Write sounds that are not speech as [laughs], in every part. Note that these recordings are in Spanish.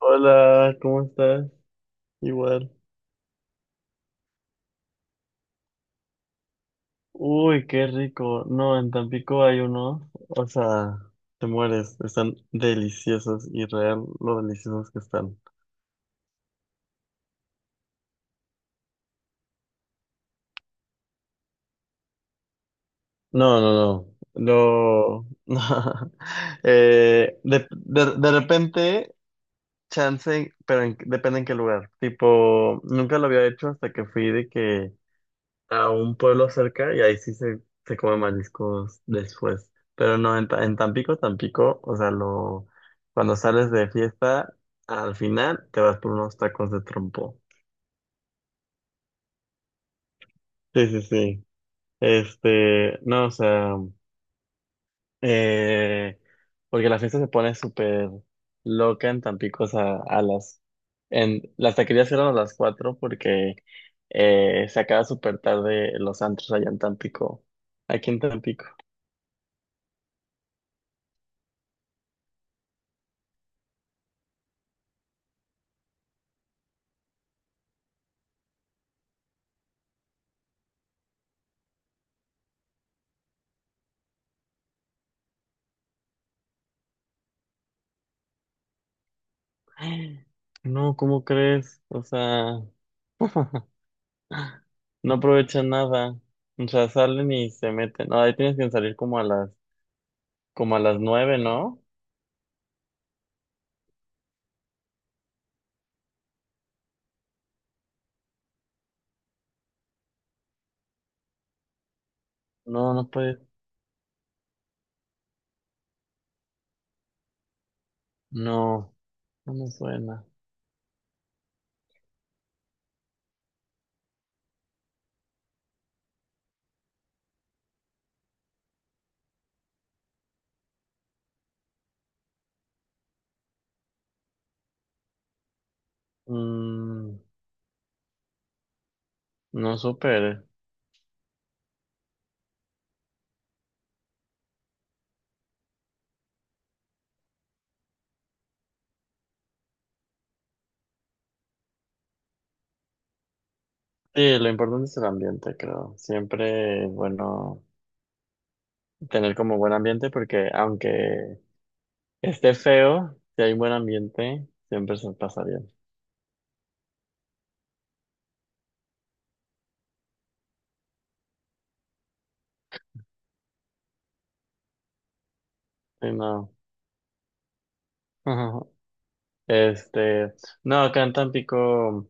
Hola, ¿cómo estás? Igual. Uy, qué rico. No, en Tampico hay unos, o sea, te mueres. Están deliciosos y real lo deliciosos que están. No, no, no. No. [laughs] De repente, chance, pero en- depende en qué lugar. Tipo, nunca lo había hecho hasta que fui de que a un pueblo cerca y ahí sí se come mariscos después. Pero no, en, Ta- en Tampico, Tampico, o sea, lo, cuando sales de fiesta, al final te vas por unos tacos de trompo. Sí, sí, sí. Este, no, o sea, eh, porque la fiesta se pone súper loca en Tampico, o sea, a las, en, las taquerías eran a las cuatro porque se acaba súper tarde los antros allá en Tampico, aquí en Tampico. No, ¿cómo crees? O sea, [laughs] no aprovechan nada. O sea, salen y se meten. No, ahí tienes que salir como a las nueve, ¿no? No, no puede. No, no me suena. Mm, no súper. Sí, lo importante es el ambiente, creo. Siempre es bueno tener como buen ambiente porque aunque esté feo, si hay buen ambiente, siempre se pasa bien. Sí, no. [laughs] Este, no, acá en Tampico,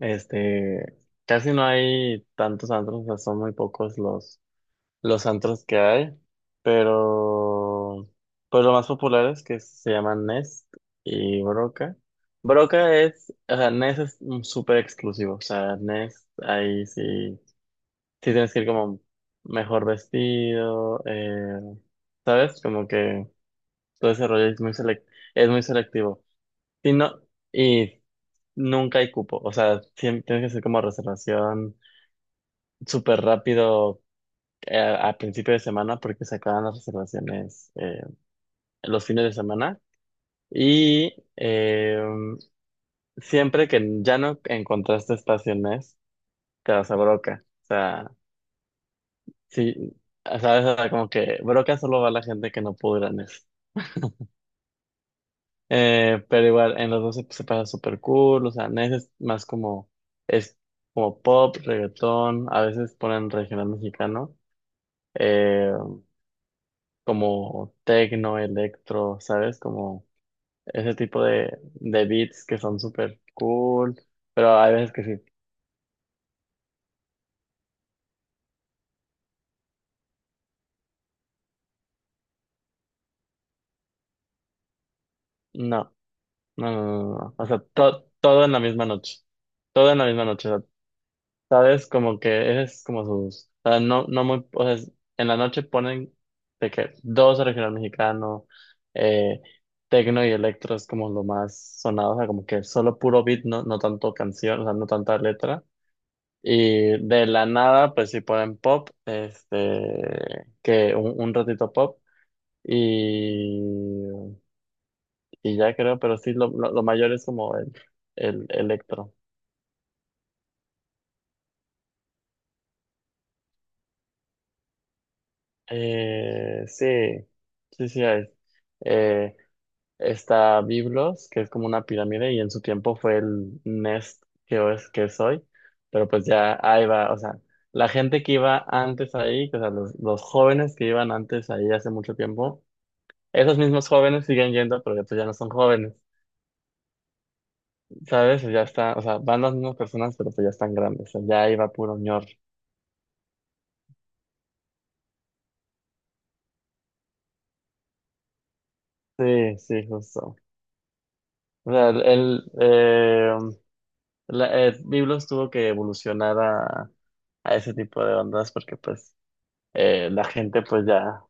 este, casi no hay tantos antros, o sea, son muy pocos los antros que hay, pero pues los más populares que se llaman Nest y Broca. Broca es, o sea, Nest es mm, súper exclusivo, o sea, Nest ahí sí, sí tienes que ir como mejor vestido, ¿sabes? Como que todo ese rollo es muy selec- es muy selectivo. Y no, y nunca hay cupo, o sea, siempre tienes que hacer como reservación súper rápido a, principio de semana porque se acaban las reservaciones los fines de semana y siempre que ya no encontraste estaciones, te vas a Broca, o sea, sí, sabes, o sea, como que Broca solo va la gente que no pudo ir a Nes. Pero igual en los dos se pasa súper cool, o sea, Nes es más como, es como pop, reggaetón, a veces ponen regional mexicano. eh, como techno, electro, ¿sabes? Como ese tipo de beats que son súper cool, pero hay veces que sí. No, no. O sea, to- todo en la misma noche. Todo en la misma noche. O sea, ¿sabes? Como que ese es como sus. O sea, no, no muy. O sea, es- en la noche ponen de que dos regional mexicano, eh, tecno y electro es como lo más sonado, o sea, como que solo puro beat, no, no tanto canción, o sea, no tanta letra. Y de la nada, pues sí ponen pop, este, que un ratito pop, y, y ya creo, pero sí, lo mayor es como el electro. Sí, sí, sí hay. Eh, está Biblos, que es como una pirámide, y en su tiempo fue el Nest que es hoy, pero pues ya ahí va, o sea, la gente que iba antes ahí, o sea, los jóvenes que iban antes ahí hace mucho tiempo, esos mismos jóvenes siguen yendo, pero ya, pues ya no son jóvenes, ¿sabes? Ya está, o sea, van las mismas personas, pero pues ya están grandes, o sea, ya iba puro ñor. Sí, sí, justo. O sea, el, la- Biblos tuvo que evolucionar a ese tipo de ondas porque pues la gente pues ya...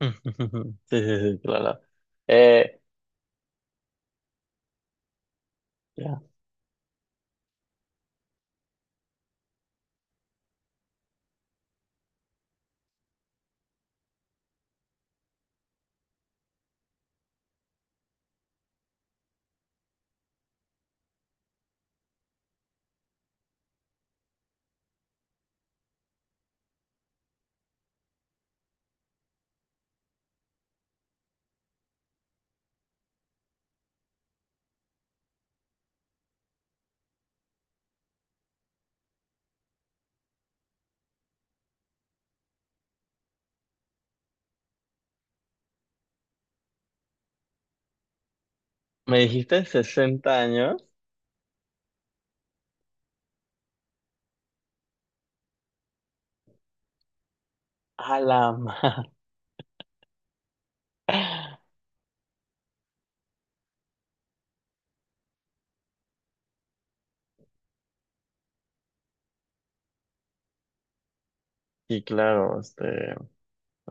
[laughs] Sí, sí, sí, claro. Eh, ya. ¿Me dijiste sesenta años? A la madre. [laughs] Sí, claro, este...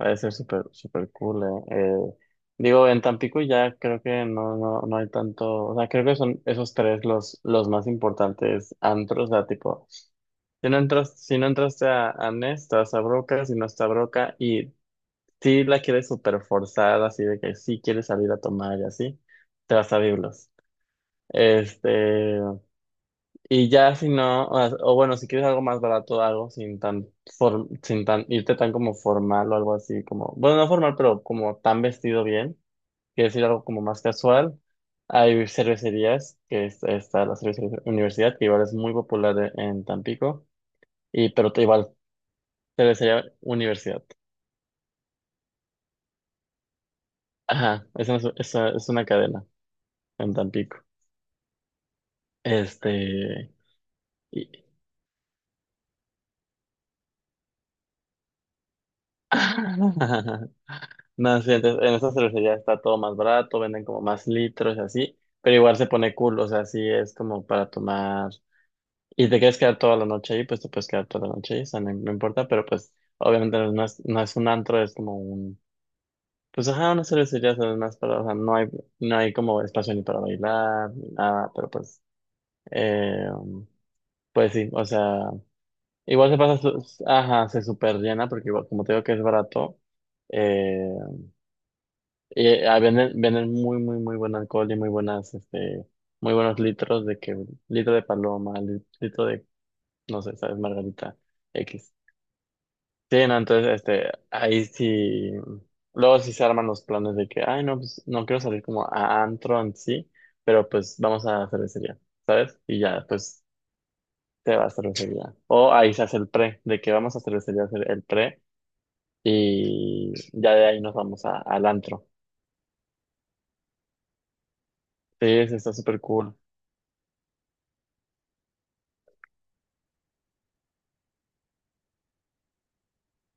Va a ser súper, súper cool, eh. Digo, en Tampico ya creo que no, no, no hay tanto, o sea, creo que son esos tres los más importantes antros, o sea, tipo, si no entras, si no entraste a Nest, vas a Broca, si no está Broca, y si la quieres súper forzada, así de que sí quieres salir a tomar y así, te vas a Biblos. Este, y ya si no, o bueno, si quieres algo más barato, algo sin tan form- sin tan irte tan como formal o algo así, como, bueno, no formal, pero como tan vestido bien, quieres ir algo como más casual, hay cervecerías, que es, está la cervecería Universidad, que igual es muy popular e- en Tampico, y pero te- igual cervecería Universidad. Ajá, es una, es una cadena en Tampico. Este, y- [laughs] No, sí, entonces, en esta cervecerías está todo más barato, venden como más litros y así, pero igual se pone cool, o sea, sí es como para tomar. Y te quieres quedar toda la noche ahí, pues te puedes quedar toda la noche ahí, o sea, no, no importa, pero pues obviamente no es, no es un antro, es como un. Pues ajá, una cervecería, o sea, es más para, o sea, no hay, no hay como espacio ni para bailar, ni nada, pero pues. Eh, pues sí, o sea, igual se pasa, su- ajá, se super llena, porque igual, como te digo que es barato. Eh, venden, venden muy, muy, muy buen alcohol y muy buenas, este, muy buenos litros de que, litro de paloma, li- litro de, no sé, sabes, Margarita X. Sí, no, entonces, este, ahí sí, luego sí se arman los planes de que, ay, no, pues, no quiero salir como a antro en sí, pero pues vamos a cervecería, ¿sabes? Y ya, pues, te vas a cervecería. O ahí se hace el pre, de que vamos a cervecería a hacer el pre y ya de ahí nos vamos a, al antro. Sí, sí, está súper cool.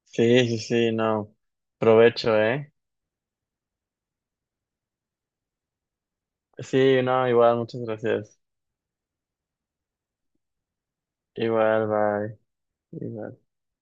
Sí, sí, sí, no. Provecho, ¿eh? Sí, no, igual, muchas gracias. Igual, bye. Igual.